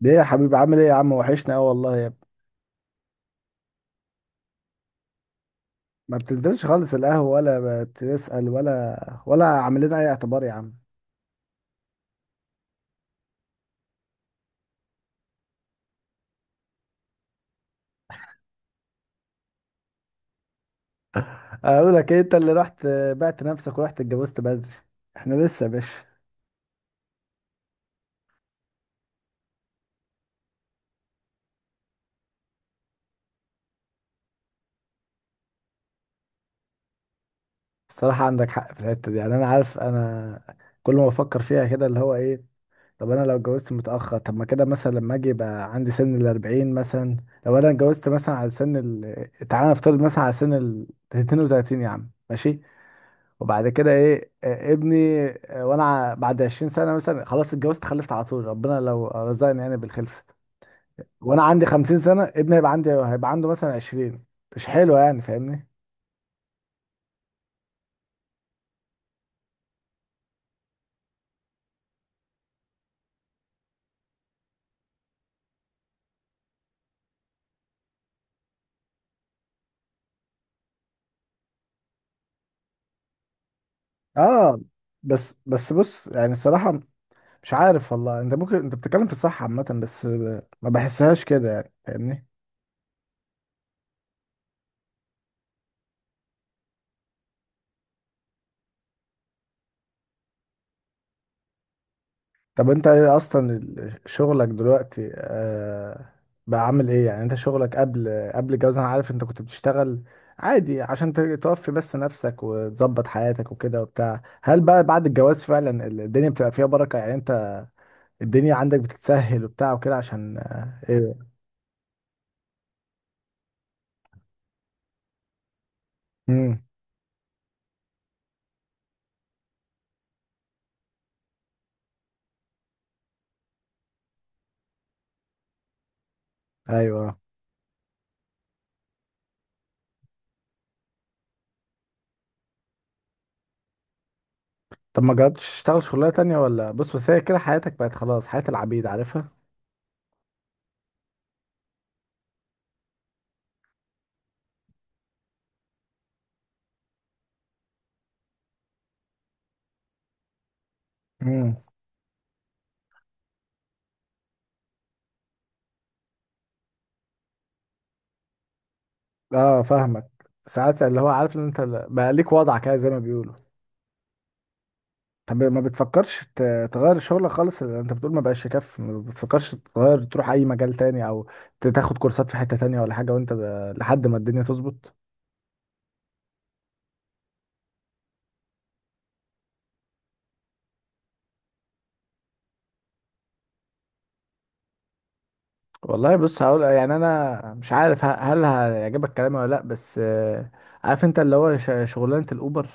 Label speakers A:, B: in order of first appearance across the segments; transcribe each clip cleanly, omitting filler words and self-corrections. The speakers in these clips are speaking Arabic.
A: ليه يا حبيبي؟ عامل ايه يا عم؟ وحشنا قوي والله يا ابني. ما بتنزلش خالص القهوة، ولا بتسأل، ولا عامل لنا اي اعتبار يا عم. اقول لك ايه؟ انت اللي رحت بعت نفسك ورحت اتجوزت بدري. احنا لسه يا باشا. الصراحة عندك حق في الحتة دي، يعني انا عارف، انا كل ما بفكر فيها كده اللي هو ايه. طب انا لو اتجوزت متأخر، طب ما كده مثلا لما اجي يبقى عندي سن الأربعين مثلا. لو انا اتجوزت مثلا على سن ال، تعالى نفترض مثلا على سن ال 32 يا عم، ماشي. وبعد كده ايه، ابني، وانا بعد 20 سنه مثلا، خلاص اتجوزت خلفت على طول ربنا لو رزقني يعني بالخلفه. وانا عندي 50 سنه ابني هيبقى عنده مثلا 20. مش حلو يعني، فاهمني؟ اه. بس بص، يعني الصراحه مش عارف والله. انت بتتكلم في الصح عامه، بس ما بحسهاش كده، يعني فاهمني؟ طب انت ايه اصلا شغلك دلوقتي بقى، عامل ايه؟ يعني انت شغلك قبل الجواز، انا عارف انت كنت بتشتغل عادي عشان توفي بس نفسك وتظبط حياتك وكده وبتاع. هل بقى بعد الجواز فعلا الدنيا بتبقى فيها بركة؟ يعني انت الدنيا عندك بتتسهل وبتاع وكده، عشان ايه؟ امم ايوه. طب ما جربتش تشتغل شغلانة تانية؟ ولا بص، بس هي كده حياتك بقت خلاص، حياة العبيد عارفها. امم اه، فاهمك. ساعات اللي هو عارف ان انت بقى ليك وضعك كده زي ما بيقولوا. طب ما بتفكرش تغير شغلك خالص؟ انت بتقول ما بقاش يكفي، ما بتفكرش تغير، تروح اي مجال تاني، او تاخد كورسات في حتة تانية ولا حاجة، وانت ب... لحد ما الدنيا تظبط؟ والله بص هقول، يعني انا مش عارف هل هيعجبك كلامي ولا لا، بس عارف انت اللي هو شغلانه الاوبر.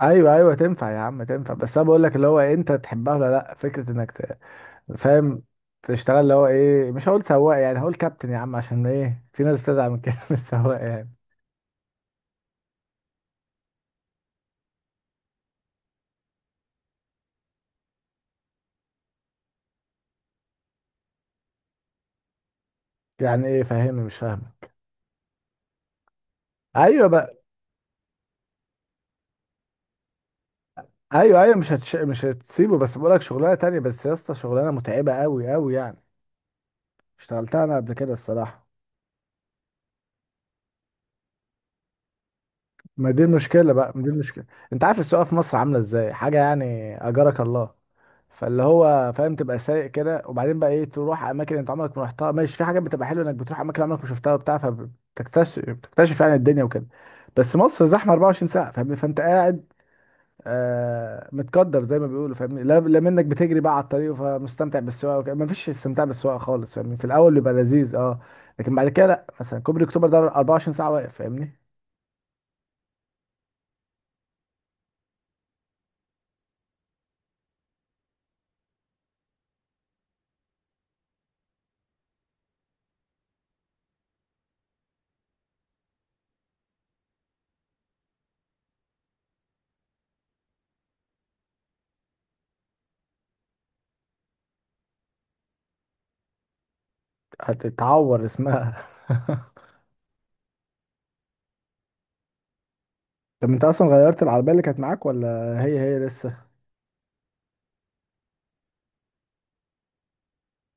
A: ايوه ايوه تنفع يا عم، تنفع. بس انا بقول لك اللي هو انت تحبها ولا لا؟ فكرة انك ت... فاهم؟ تشتغل اللي هو ايه، مش هقول سواق، يعني هقول كابتن يا عم، عشان ايه؟ في ناس بتزعل من كلمة سواق يعني. يعني ايه فاهمني؟ مش فاهم؟ ايوه بقى، ايوه ايوه، مش هتش... مش هتسيبه، بس بقولك شغلانه تانية. بس يا اسطى شغلانه متعبه قوي قوي يعني، اشتغلتها انا قبل كده الصراحه. ما دي المشكله بقى، ما دي المشكله. انت عارف السوق في مصر عامله ازاي، حاجه يعني اجرك الله. فاللي هو فاهم، تبقى سايق كده وبعدين بقى ايه؟ تروح اماكن انت عمرك ما رحتها، ماشي. في حاجات بتبقى حلوه انك بتروح اماكن عمرك ما شفتها وبتاع، فبتكتشف، بتكتشف يعني الدنيا وكده. بس مصر زحمه 24 ساعه، فاهم؟ فانت قاعد متقدر زي ما بيقولوا، فاهمني؟ لا لا، منك بتجري بقى على الطريق، فمستمتع بالسواقه وكده. مفيش استمتاع بالسواقه خالص فاهمني، في الاول بيبقى لذيذ اه، لكن بعد كده لا. مثلا كوبري اكتوبر ده 24 ساعه واقف فاهمني. هتتعور اسمها. طب انت اصلا غيرت العربيه اللي كانت معاك، ولا هي لسه؟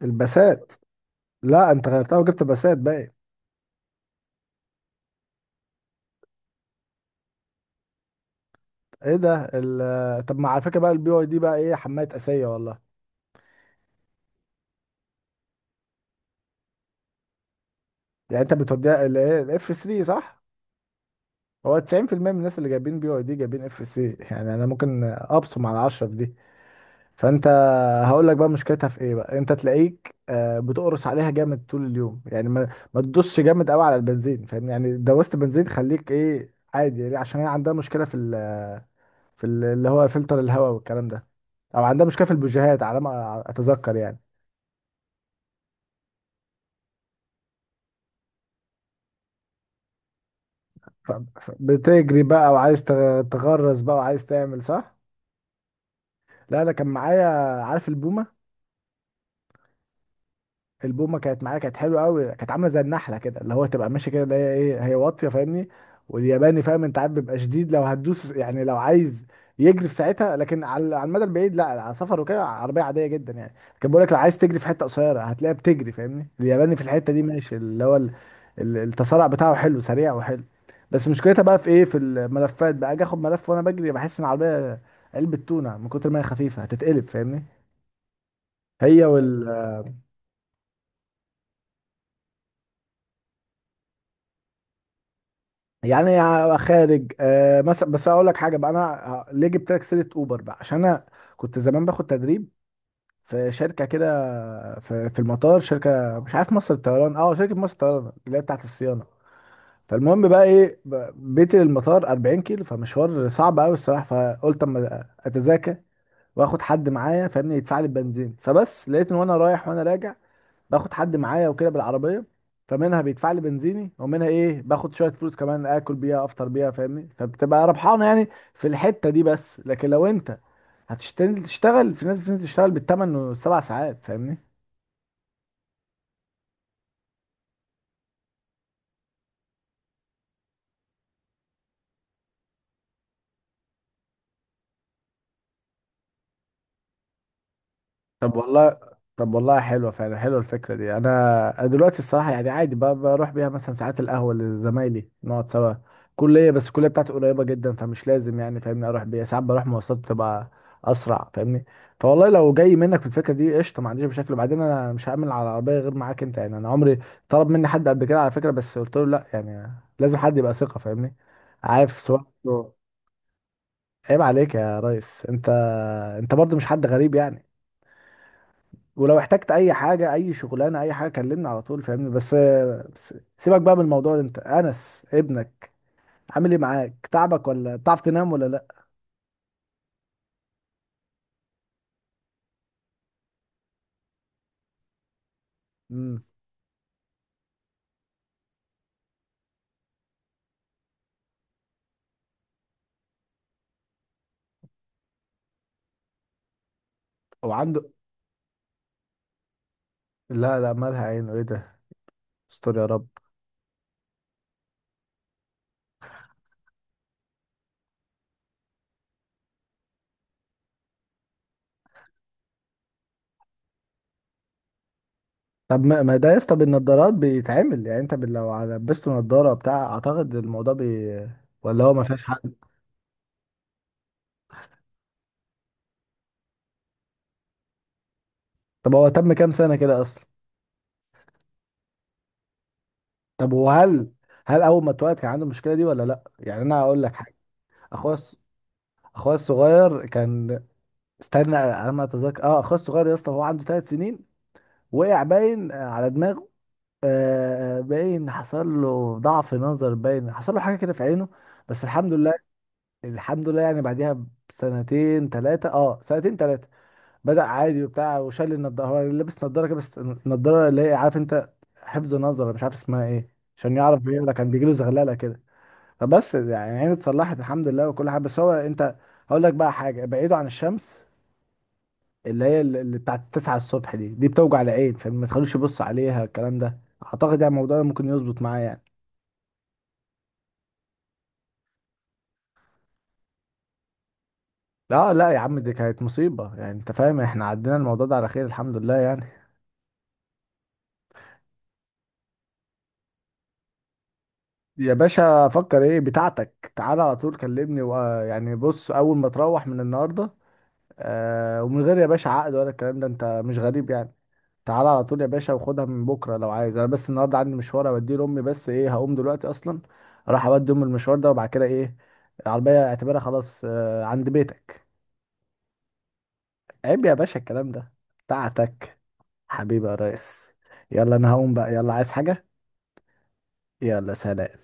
A: الباسات؟ لا، انت غيرتها وجبت باسات بقت؟ ايه ده طب ما على فكره بقى، البي واي دي بقى ايه، حمايه اسيه والله. يعني انت بتوديها الايه الاف 3 صح؟ هو 90% من الناس اللي جايبين بي واي دي جايبين اف سي، يعني انا ممكن ابصم على 10 في دي. فانت، هقول لك بقى مشكلتها في ايه بقى. انت تلاقيك بتقرص عليها جامد طول اليوم، يعني ما تدوسش جامد قوي على البنزين فاهم؟ يعني دوست بنزين خليك ايه عادي، يعني عشان هي عندها مشكله في ال اللي هو فلتر الهواء والكلام ده، او عندها مشكله في البوجيهات على ما اتذكر يعني. ف- بتجري بقى وعايز تغرز بقى، وعايز تعمل صح. لا انا كان معايا، عارف البومه؟ البومه كانت معايا، كانت حلوه قوي، كانت عامله زي النحله كده، اللي هو تبقى ماشي كده اللي هي ايه، هي واطيه فاهمني. والياباني فاهم انت، عارف بيبقى شديد لو هتدوس، يعني لو عايز يجري في ساعتها، لكن على المدى البعيد لا، على سفر وكده عربيه عاديه جدا يعني. كان بيقول لك لو عايز تجري في حته قصيره هتلاقيها بتجري فاهمني. الياباني في الحته دي ماشي اللي هو التسارع بتاعه حلو، سريع وحلو. بس مشكلتها بقى في ايه؟ في الملفات بقى. اجي اخد ملف وانا بجري بحس ان العربيه علبه تونه من كتر ما هي خفيفه، هتتقلب فاهمني. هي وال... يعني خارج مثلا. بس اقول لك حاجه بقى، انا ليه جبت لك سيره اوبر بقى؟ عشان انا كنت زمان باخد تدريب في شركه كده، في المطار، شركه مش عارف، مصر الطيران، اه شركه مصر الطيران اللي هي بتاعت الصيانه. فالمهم بقى ايه، بيتي للمطار 40 كيلو، فمشوار صعب قوي الصراحه. فقلت اما اتذاكى واخد حد معايا فاهمني، يدفع لي البنزين. فبس لقيت ان وانا رايح وانا راجع باخد حد معايا وكده بالعربيه، فمنها بيدفع لي بنزيني، ومنها ايه باخد شويه فلوس كمان، اكل بيها، افطر بيها فاهمني، فبتبقى ربحانه يعني في الحته دي. بس لكن لو انت هتشتغل تشتغل، في ناس بتنزل تشتغل بالثمان والسبع ساعات فاهمني. طب والله، حلوه فعلا، حلوه الفكره دي. انا، أنا دلوقتي الصراحه يعني عادي بروح بيها مثلا ساعات القهوه لزمايلي نقعد سوا كليه، بس الكليه بتاعتي قريبه جدا فمش لازم يعني فاهمني. اروح بيها ساعات، بروح مواصلات بتبقى اسرع فاهمني. فوالله لو جاي منك في الفكره دي قشطه، ما عنديش مشاكل. وبعدين انا مش هعمل على العربيه غير معاك انت يعني، انا عمري طلب مني حد قبل كده على فكره، بس قلت له لا يعني، لازم حد يبقى ثقه فاهمني، عارف سواقته. عيب عليك يا ريس، انت برضو مش حد غريب يعني، ولو احتجت اي حاجه، اي شغلانه، اي حاجه، كلمني على طول فاهمني. بس بس، سيبك بقى من الموضوع ده، انت انس ابنك عامل ايه معاك؟ تعبك ولا بتعرف تنام ولا لا؟ امم او عنده؟ لا لا، مالها عينه، ايه ده؟ استر يا رب. طب ما ده يا اسطى بالنضارات بيتعمل يعني، انت لو لبسته نضاره بتاع اعتقد الموضوع بي... ولا هو ما فيهاش حل؟ طب هو تم كام سنه كده اصلا؟ طب وهل، اول ما اتولد كان عنده المشكله دي ولا لا؟ يعني انا هقول لك حاجه. اخويا الص- اخويا الصغير كان، استنى على ما اتذكر، اه اخويا الصغير يا اسطى هو عنده ثلاث سنين وقع، باين على دماغه، باين حصل له ضعف نظر، باين حصل له حاجه كده في عينه. بس الحمد لله، الحمد لله. يعني بعديها بسنتين ثلاثه، اه سنتين ثلاثه بدأ عادي وبتاع، وشال النضاره. هو لابس نضاره كده بس النضاره اللي هي عارف انت، حفظ نظر مش عارف اسمها ايه، عشان يعرف يقرا كان بيجيله زغلله كده. فبس يعني عينه اتصلحت الحمد لله وكل حاجه. بس هو انت، هقول لك بقى حاجه، بعيده عن الشمس اللي هي اللي بتاعت التسعة الصبح، دي بتوجع العين، فما تخلوش يبص عليها، الكلام ده اعتقد يعني الموضوع ده ممكن يظبط معاه يعني. لا لا يا عم، دي كانت مصيبة يعني، انت فاهم، احنا عدينا الموضوع ده على خير الحمد لله يعني. يا باشا فكر ايه بتاعتك، تعالى على طول كلمني و... يعني بص، اول ما تروح من النهاردة ومن غير يا باشا عقد ولا الكلام ده، انت مش غريب يعني. تعالى على طول يا باشا وخدها من بكره لو عايز. انا بس النهارده عندي مشوار اوديه لامي، بس ايه هقوم دلوقتي اصلا، اروح اودي امي المشوار ده، وبعد كده ايه، العربيه اعتبرها خلاص عند بيتك. عيب يا باشا الكلام ده، بتاعتك. حبيبي يا ريس. يلا انا هقوم بقى، يلا عايز حاجه؟ يلا سلام.